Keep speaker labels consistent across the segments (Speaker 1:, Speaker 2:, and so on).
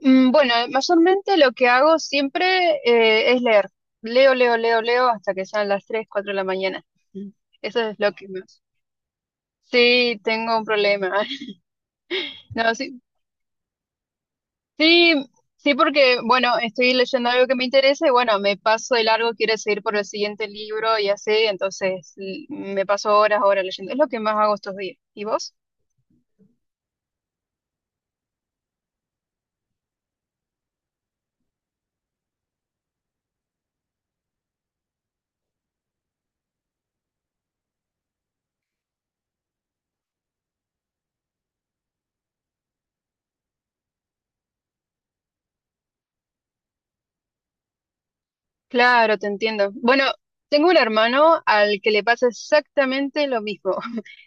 Speaker 1: Bueno, mayormente lo que hago siempre es leer. Leo hasta que sean las 3, 4 de la mañana. Mm. Eso es lo que más. Sí, tengo un problema. No, sí, sí, sí, porque, bueno, estoy leyendo algo que me interesa y, bueno, me paso de largo, quiero seguir por el siguiente libro y así, entonces me paso horas leyendo. Es lo que más hago estos días. ¿Y vos? Claro, te entiendo. Bueno, tengo un hermano al que le pasa exactamente lo mismo.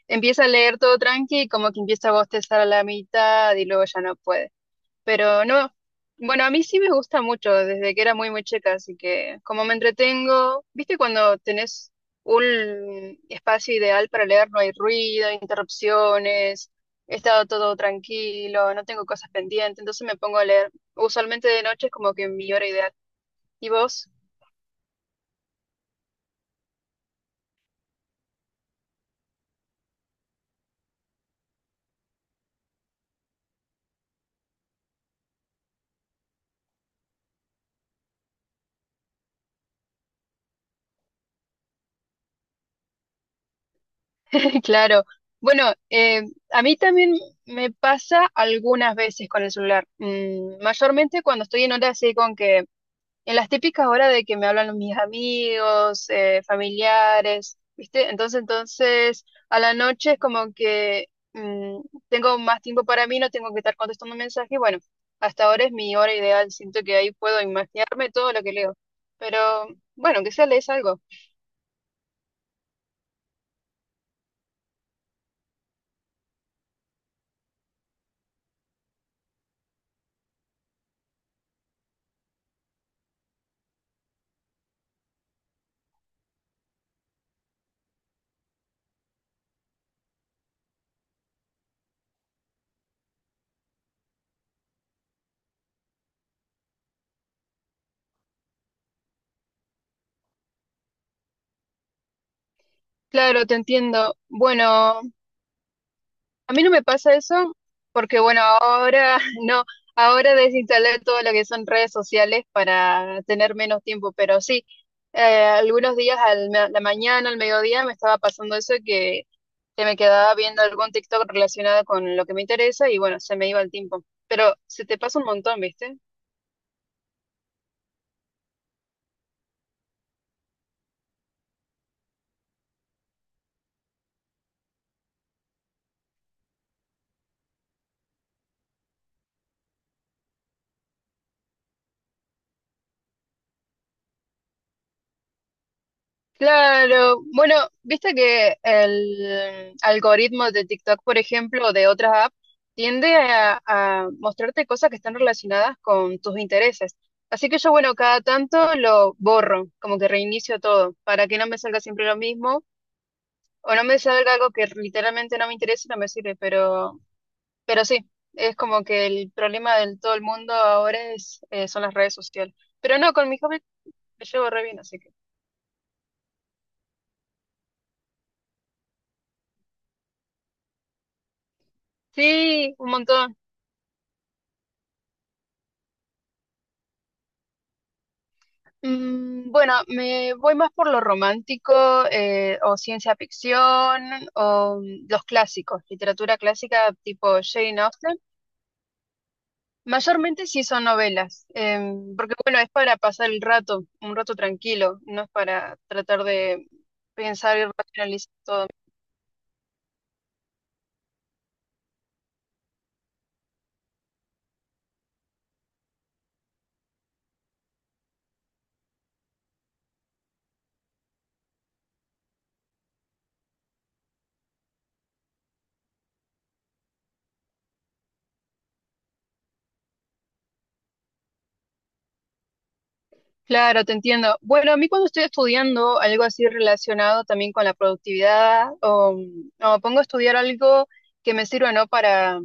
Speaker 1: Empieza a leer todo tranqui y como que empieza a bostezar a la mitad y luego ya no puede. Pero no, bueno, a mí sí me gusta mucho desde que era muy, muy chica, así que como me entretengo, ¿viste cuando tenés un espacio ideal para leer? No hay ruido, interrupciones, he estado todo tranquilo, no tengo cosas pendientes, entonces me pongo a leer. Usualmente de noche es como que mi hora ideal. ¿Y vos? Claro. Bueno, a mí también me pasa algunas veces con el celular. Mm, mayormente cuando estoy en horas así con que, en las típicas horas de que me hablan mis amigos, familiares, ¿viste? Entonces, a la noche es como que mm, tengo más tiempo para mí, no tengo que estar contestando mensajes. Bueno, hasta ahora es mi hora ideal. Siento que ahí puedo imaginarme todo lo que leo. Pero bueno, que sea lees algo. Claro, te entiendo. Bueno, a mí no me pasa eso porque, bueno, ahora no, ahora desinstalé todo lo que son redes sociales para tener menos tiempo, pero sí, algunos días a la mañana, al mediodía, me estaba pasando eso de que me quedaba viendo algún TikTok relacionado con lo que me interesa y, bueno, se me iba el tiempo. Pero se te pasa un montón, ¿viste? Claro, bueno, viste que el algoritmo de TikTok, por ejemplo, o de otras apps, tiende a mostrarte cosas que están relacionadas con tus intereses. Así que yo, bueno, cada tanto lo borro, como que reinicio todo, para que no me salga siempre lo mismo, o no me salga algo que literalmente no me interesa y no me sirve, pero sí, es como que el problema del todo el mundo ahora es, son las redes sociales. Pero no, con mi hobby me llevo re bien, así que sí, un montón. Bueno, me voy más por lo romántico o ciencia ficción o los clásicos, literatura clásica tipo Jane Austen. Mayormente sí son novelas, porque bueno, es para pasar el rato, un rato tranquilo, no es para tratar de pensar y racionalizar todo. Claro, te entiendo. Bueno, a mí cuando estoy estudiando algo así relacionado también con la productividad, o pongo a estudiar algo que me sirva, ¿no? Para,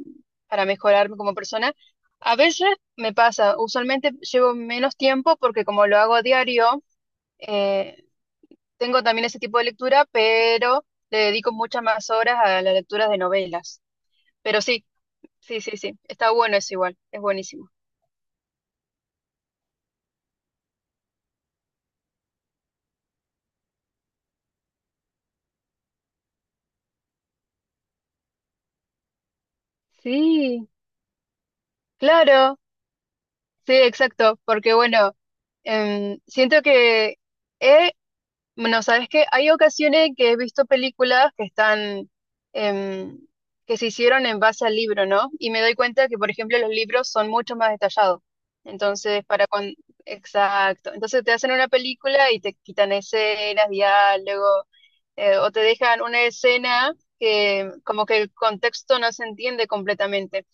Speaker 1: para mejorarme como persona, a veces me pasa, usualmente llevo menos tiempo porque como lo hago a diario, eh, tengo también ese tipo de lectura, pero le dedico muchas más horas a las lecturas de novelas. Pero sí, sí, sí, sí, está bueno eso igual, es buenísimo. Sí, claro. Sí, exacto, porque bueno, siento que, eh, bueno, sabes que hay ocasiones que he visto películas que están, em, que se hicieron en base al libro, ¿no? Y me doy cuenta que, por ejemplo, los libros son mucho más detallados. Entonces, para cuando, exacto, entonces te hacen una película y te quitan escenas, diálogo, o te dejan una escena que como que el contexto no se entiende completamente.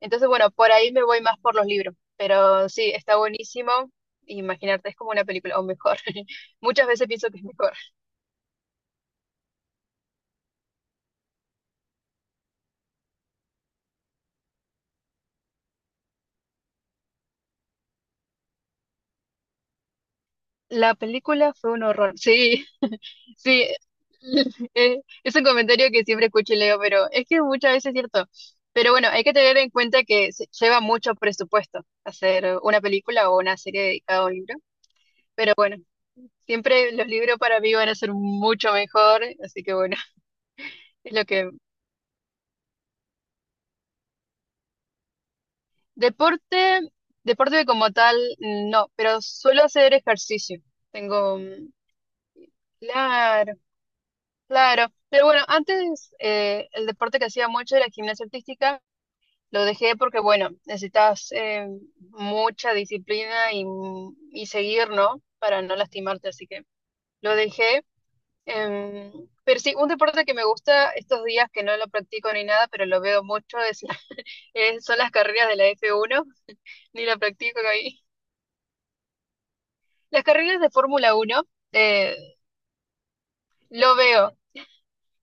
Speaker 1: Entonces, bueno, por ahí me voy más por los libros, pero sí, está buenísimo. Imaginarte, es como una película, o mejor. Muchas veces pienso que es mejor. La película fue un horror. Sí, sí. Es un comentario que siempre escucho y leo, pero es que muchas veces es cierto. Pero bueno, hay que tener en cuenta que se lleva mucho presupuesto hacer una película o una serie dedicada a un libro. Pero bueno, siempre los libros para mí van a ser mucho mejor, así que bueno, es lo que Deporte, deporte como tal, no, pero suelo hacer ejercicio. Tengo, claro, claro. Pero bueno, antes el deporte que hacía mucho era gimnasia artística. Lo dejé porque, bueno, necesitas mucha disciplina y seguir, ¿no? Para no lastimarte, así que lo dejé. Em, pero sí, un deporte que me gusta estos días que no lo practico ni nada, pero lo veo mucho, es son las carreras de la F1 ni la practico ahí. Las carreras de Fórmula 1 eh, lo veo,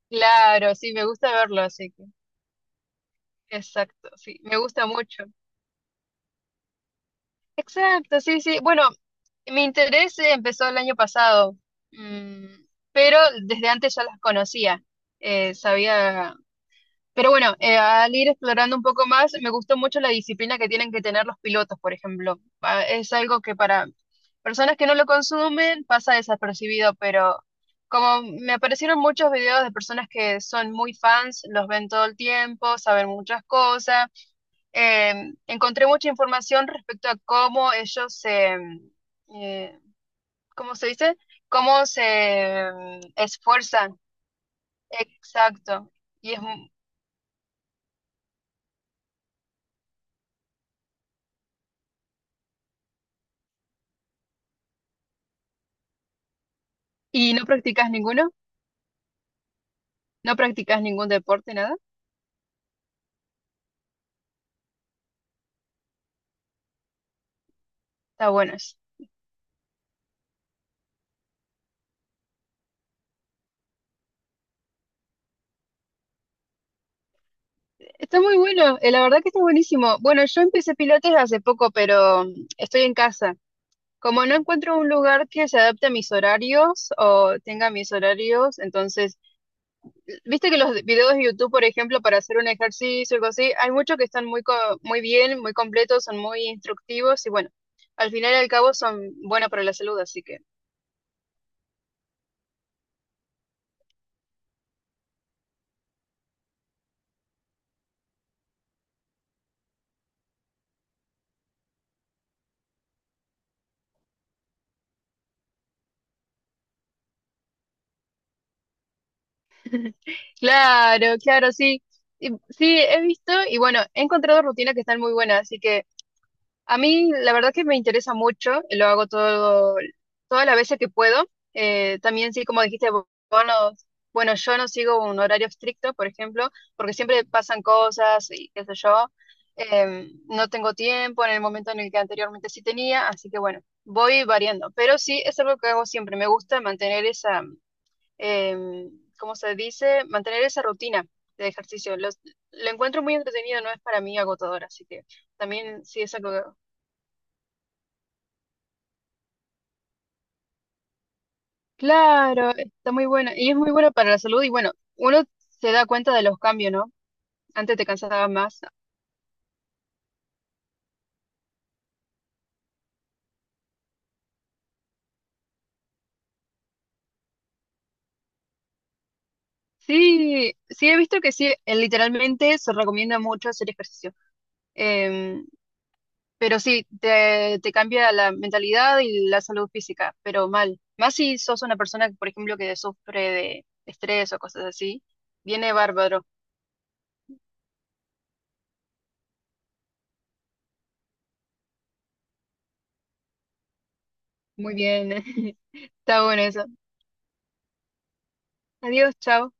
Speaker 1: claro, sí, me gusta verlo, así que, exacto, sí, me gusta mucho. Exacto, sí, sí. Bueno, mi interés empezó el año pasado, mm, pero desde antes ya las conocía. Sabía. Pero bueno, al ir explorando un poco más, me gustó mucho la disciplina que tienen que tener los pilotos, por ejemplo. Ah, es algo que para personas que no lo consumen pasa desapercibido, pero como me aparecieron muchos videos de personas que son muy fans, los ven todo el tiempo, saben muchas cosas, encontré mucha información respecto a cómo ellos se, eh, ¿cómo se dice? Cómo se esfuerzan. Exacto. Y, es, ¿y no practicas ninguno? ¿No practicas ningún deporte, nada? Está bueno eso. Está muy bueno, la verdad que está buenísimo. Bueno, yo empecé pilates hace poco, pero estoy en casa. Como no encuentro un lugar que se adapte a mis horarios o tenga mis horarios, entonces, viste que los videos de YouTube, por ejemplo, para hacer un ejercicio o algo así, hay muchos que están muy, muy bien, muy completos, son muy instructivos y bueno, al final y al cabo son buenos para la salud, así que. Claro, claro, sí. Sí, he visto y bueno, he encontrado rutinas que están muy buenas, así que a mí la verdad que me interesa mucho, y lo hago todo, todas las veces que puedo. También sí, como dijiste, vos no- bueno, yo no sigo un horario estricto, por ejemplo, porque siempre pasan cosas y qué sé yo. No tengo tiempo en el momento en el que anteriormente sí tenía, así que bueno, voy variando. Pero sí, es algo que hago siempre. Me gusta mantener esa, em, ¿cómo se dice? Mantener esa rutina de ejercicio. Lo encuentro muy entretenido, no es para mí agotador, así que... También sí es algo. Claro, está muy buena y es muy buena para la salud. Y bueno, uno se da cuenta de los cambios, ¿no? Antes te cansaba más. Sí, sí, he visto que sí, literalmente se recomienda mucho hacer ejercicio. Em, pero sí, te cambia la mentalidad y la salud física, pero mal. Más si sos una persona, por ejemplo, que sufre de estrés o cosas así, viene bárbaro. Muy bien. Está bueno eso. Adiós, chao.